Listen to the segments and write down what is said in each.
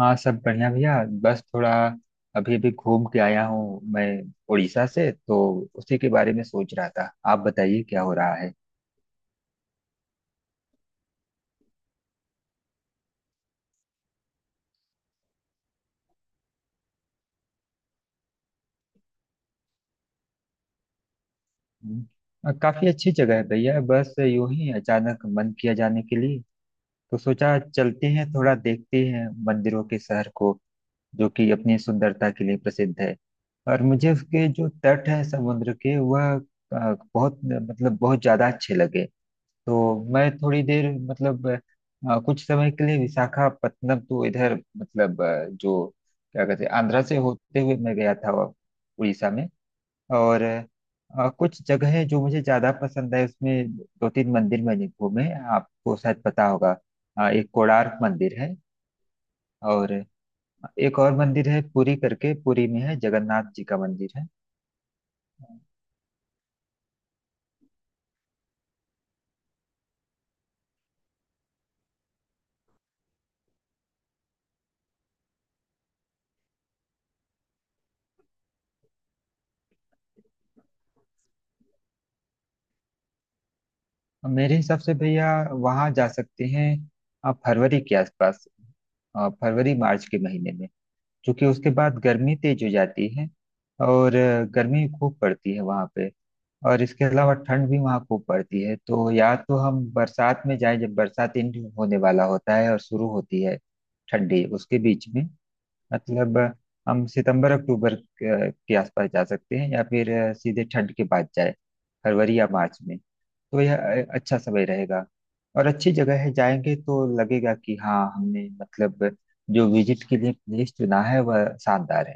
हाँ, सब बढ़िया भैया। बस थोड़ा अभी अभी घूम के आया हूँ मैं उड़ीसा से। तो उसी के बारे में सोच रहा था। आप बताइए क्या हो रहा है। हम्म, काफी अच्छी जगह है भैया। बस यूं ही अचानक मन किया जाने के लिए, तो सोचा चलते हैं थोड़ा देखते हैं मंदिरों के शहर को जो कि अपनी सुंदरता के लिए प्रसिद्ध है। और मुझे उसके जो तट है समुद्र के, वह बहुत मतलब बहुत ज्यादा अच्छे लगे। तो मैं थोड़ी देर मतलब कुछ समय के लिए विशाखापत्तनम, तो इधर मतलब जो क्या कहते हैं आंध्रा से होते हुए मैं गया था, वह उड़ीसा में। और कुछ जगहें जो मुझे ज्यादा पसंद है उसमें दो तीन मंदिर मैंने घूमे। आपको शायद पता होगा। एक कोणार्क मंदिर है। और एक और मंदिर है पुरी करके, पुरी में है जगन्नाथ जी का मंदिर है। मेरे हिसाब से भैया वहाँ जा सकते हैं आप फरवरी के आसपास, फरवरी मार्च के महीने में। क्योंकि उसके बाद गर्मी तेज हो जाती है। और गर्मी खूब पड़ती है वहाँ पे। और इसके अलावा ठंड भी वहाँ खूब पड़ती है, तो या तो हम बरसात में जाएं जब बरसात एंड होने वाला होता है और शुरू होती है ठंडी उसके बीच में, मतलब हम सितंबर अक्टूबर के आसपास जा सकते हैं, या फिर सीधे ठंड के बाद जाए फरवरी या मार्च में। तो यह अच्छा समय रहेगा। और अच्छी जगह है, जाएंगे तो लगेगा कि हाँ हमने मतलब जो विजिट के लिए प्लेस चुना है वह शानदार है।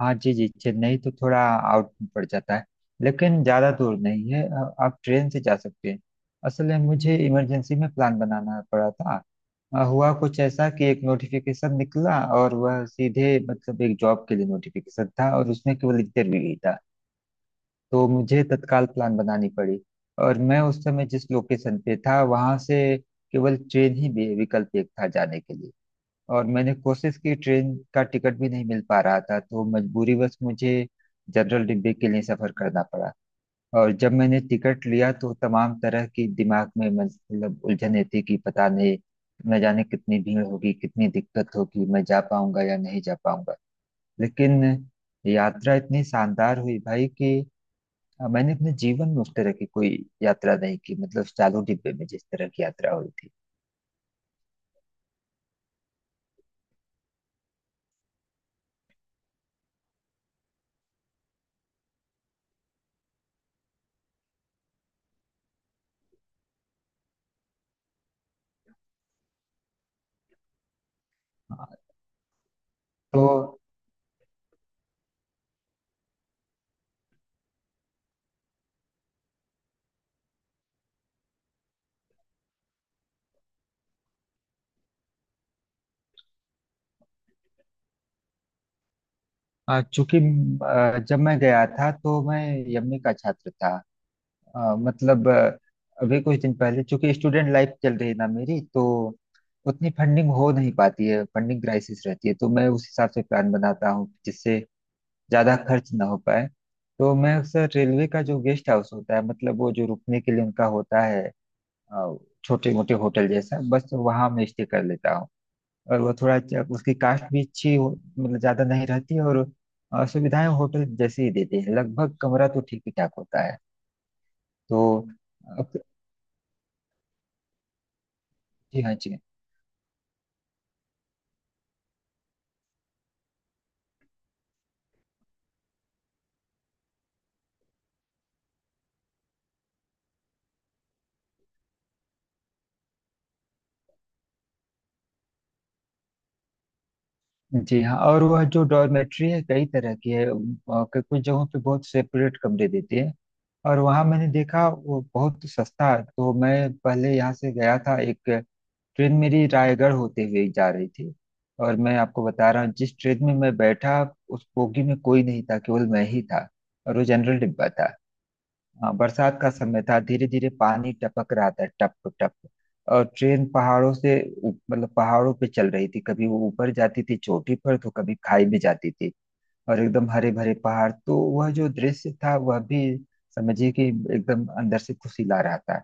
हाँ जी जी, चेन्नई तो थोड़ा आउट पड़ जाता है। लेकिन ज़्यादा दूर नहीं है, आप ट्रेन से जा सकते हैं। असल में मुझे इमरजेंसी में प्लान बनाना पड़ा था। हुआ कुछ ऐसा कि एक नोटिफिकेशन निकला और वह सीधे मतलब एक जॉब के लिए नोटिफिकेशन था, और उसमें केवल इंटरव्यू ही था। तो मुझे तत्काल प्लान बनानी पड़ी। और मैं उस समय जिस लोकेशन पे था वहां से केवल ट्रेन ही विकल्प एक था जाने के लिए। और मैंने कोशिश की, ट्रेन का टिकट भी नहीं मिल पा रहा था, तो मजबूरीवश मुझे जनरल डिब्बे के लिए सफर करना पड़ा। और जब मैंने टिकट लिया तो तमाम तरह की दिमाग में मतलब उलझने थी कि पता नहीं, न जाने कितनी भीड़ होगी, कितनी दिक्कत होगी, मैं जा पाऊंगा या नहीं जा पाऊंगा। लेकिन यात्रा इतनी शानदार हुई भाई कि हाँ, मैंने अपने जीवन में उस तरह की कोई यात्रा नहीं की, मतलब चालू डिब्बे में जिस तरह की यात्रा हुई थी। हाँ, तो चूंकि जब मैं गया था तो मैं यमए का छात्र था। मतलब अभी कुछ दिन पहले, चूंकि स्टूडेंट लाइफ चल रही ना मेरी, तो उतनी फंडिंग हो नहीं पाती है, फंडिंग क्राइसिस रहती है, तो मैं उस हिसाब से प्लान बनाता हूँ जिससे ज्यादा खर्च ना हो पाए। तो मैं अक्सर रेलवे का जो गेस्ट हाउस होता है, मतलब वो जो रुकने के लिए उनका होता है, अ, छोटे मोटे होटल जैसा, बस वहां मैं स्टे कर लेता हूँ। और वो थोड़ा उसकी कास्ट भी अच्छी हो, मतलब ज्यादा नहीं रहती, और सुविधाएं होटल जैसे ही देते हैं लगभग, कमरा तो ठीक ही ठाक होता है। तो अप- जी हाँ जी। जी हाँ। और वह जो डॉर्मेट्री है कई तरह की है। कुछ जगहों पे बहुत सेपरेट कमरे देते हैं। और वहाँ मैंने देखा वो बहुत सस्ता है। तो मैं पहले यहाँ से गया था, एक ट्रेन मेरी रायगढ़ होते हुए जा रही थी, और मैं आपको बता रहा हूँ जिस ट्रेन में मैं बैठा उस बोगी में कोई नहीं था, केवल मैं ही था। और वो जनरल डिब्बा था। हाँ, बरसात का समय था, धीरे धीरे पानी टपक रहा था, टप टप। और ट्रेन पहाड़ों से मतलब पहाड़ों पे चल रही थी, कभी वो ऊपर जाती थी चोटी पर तो कभी खाई में जाती थी। और एकदम हरे भरे पहाड़, तो वह जो दृश्य था वह भी समझिए कि एकदम अंदर से खुशी ला रहा था।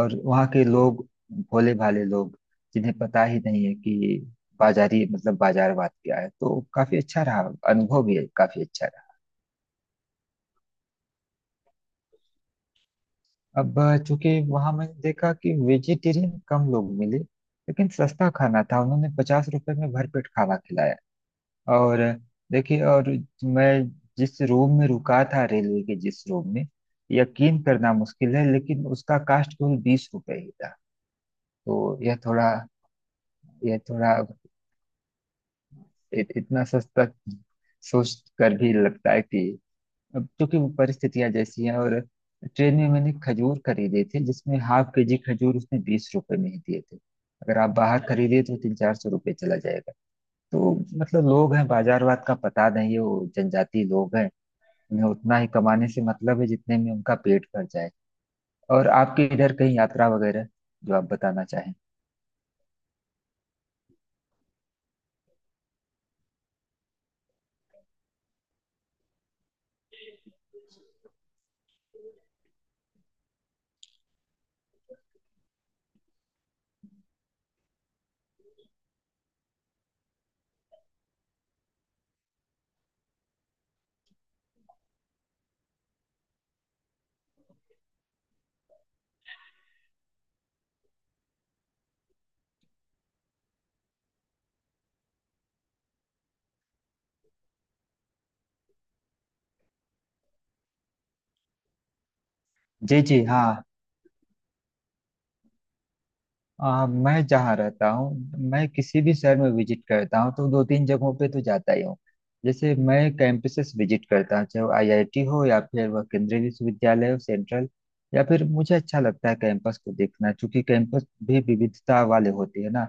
और वहाँ के लोग, भोले भाले लोग, जिन्हें पता ही नहीं है कि बाजारी मतलब बाजारवाद क्या है, तो काफी अच्छा रहा, अनुभव भी काफी अच्छा रहा। अब चूंकि वहां मैंने देखा कि वेजिटेरियन कम लोग मिले, लेकिन सस्ता खाना था, उन्होंने 50 रुपए में भरपेट खाना खिलाया। और देखिए, और मैं जिस रूम में रुका था, रेलवे के जिस रूम में, यकीन करना मुश्किल है लेकिन उसका कास्ट केवल 20 रुपए ही था। तो यह थोड़ा, यह थोड़ा इतना सस्ता सोच कर भी लगता है कि, अब क्योंकि वो परिस्थितियां जैसी हैं। और ट्रेन में मैंने खजूर खरीदे थे, जिसमें हाफ के जी खजूर उसने 20 रुपए में ही दिए थे। अगर आप बाहर खरीदे तो 300-400 रुपये चला जाएगा। तो मतलब लोग हैं, बाजारवाद का पता नहीं है, वो जनजाति लोग हैं, उन्हें उतना ही कमाने से मतलब है जितने में उनका पेट भर जाए। और आपके इधर कहीं यात्रा वगैरह, जो आप बताना चाहें। जी जी हाँ। मैं जहाँ रहता हूँ, मैं किसी भी शहर में विजिट करता हूँ तो दो तीन जगहों पे तो जाता ही हूँ। जैसे मैं कैंपसेस विजिट करता हूँ, चाहे आईआईटी हो या फिर वह केंद्रीय विश्वविद्यालय हो सेंट्रल। या फिर मुझे अच्छा लगता है कैंपस को देखना, क्योंकि कैंपस भी विविधता वाले होते हैं ना।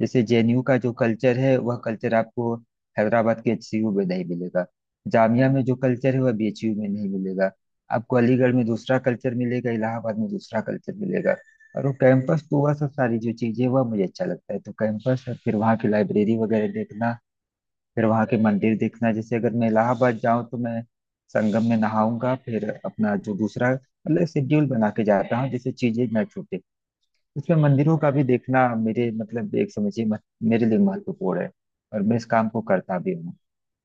जैसे जेएनयू का जो कल्चर है, वह कल्चर आपको हैदराबाद के एचसीयू में नहीं मिलेगा। जामिया में जो कल्चर है वह बीएचयू में नहीं मिलेगा। आपको अलीगढ़ में दूसरा कल्चर मिलेगा, इलाहाबाद में दूसरा कल्चर मिलेगा। और वो कैंपस पूरा, सब सारी जो चीजें, वह मुझे अच्छा लगता है। तो कैंपस है, फिर वहाँ की लाइब्रेरी वगैरह देखना, फिर वहाँ के मंदिर देखना। जैसे अगर मैं इलाहाबाद जाऊँ तो मैं संगम में नहाऊंगा, फिर अपना जो दूसरा मतलब शेड्यूल बना के जाता हूँ जिससे चीजें ना छूटे। उसमें मंदिरों का भी देखना मेरे मतलब एक समझिए मेरे लिए महत्वपूर्ण है। और मैं इस काम को करता भी हूँ,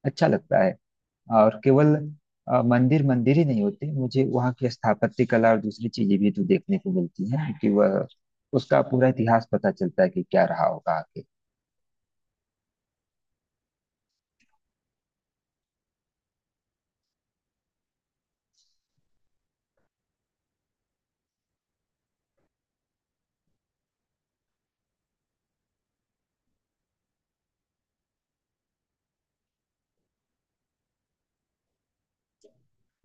अच्छा लगता है। और केवल मंदिर मंदिर ही नहीं होते, मुझे वहाँ की स्थापत्य कला और दूसरी चीजें भी तो देखने को मिलती है कि वह उसका पूरा इतिहास पता चलता है कि क्या रहा होगा आगे।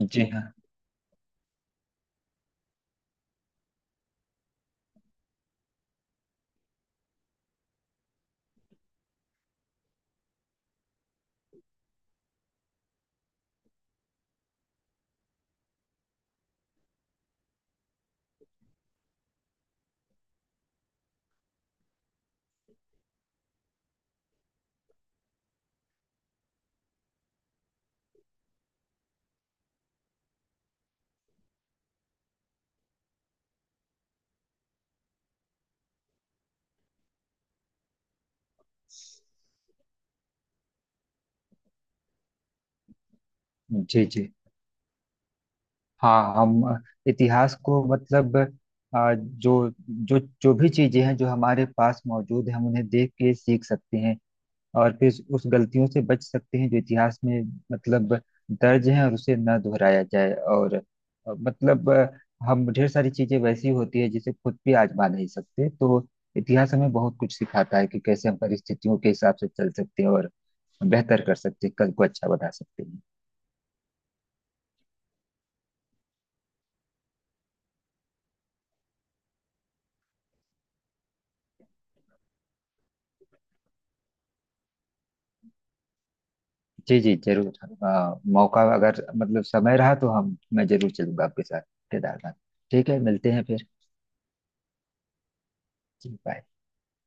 जी हाँ जी। जी हाँ। हम इतिहास को मतलब जो जो जो भी चीजें हैं जो हमारे पास मौजूद है, हम उन्हें देख के सीख सकते हैं। और फिर उस गलतियों से बच सकते हैं जो इतिहास में मतलब दर्ज हैं, और उसे न दोहराया जाए। और मतलब हम ढेर सारी चीजें वैसी होती है जिसे खुद भी आजमा नहीं सकते, तो इतिहास हमें बहुत कुछ सिखाता है कि कैसे हम परिस्थितियों के हिसाब से चल सकते हैं, और बेहतर कर सकते हैं, कल को अच्छा बना सकते हैं। जी जी जरूर। मौका अगर मतलब समय रहा तो हम मैं जरूर चलूंगा आपके साथ केदारनाथ। ठीक है, मिलते हैं फिर। जी, बाय।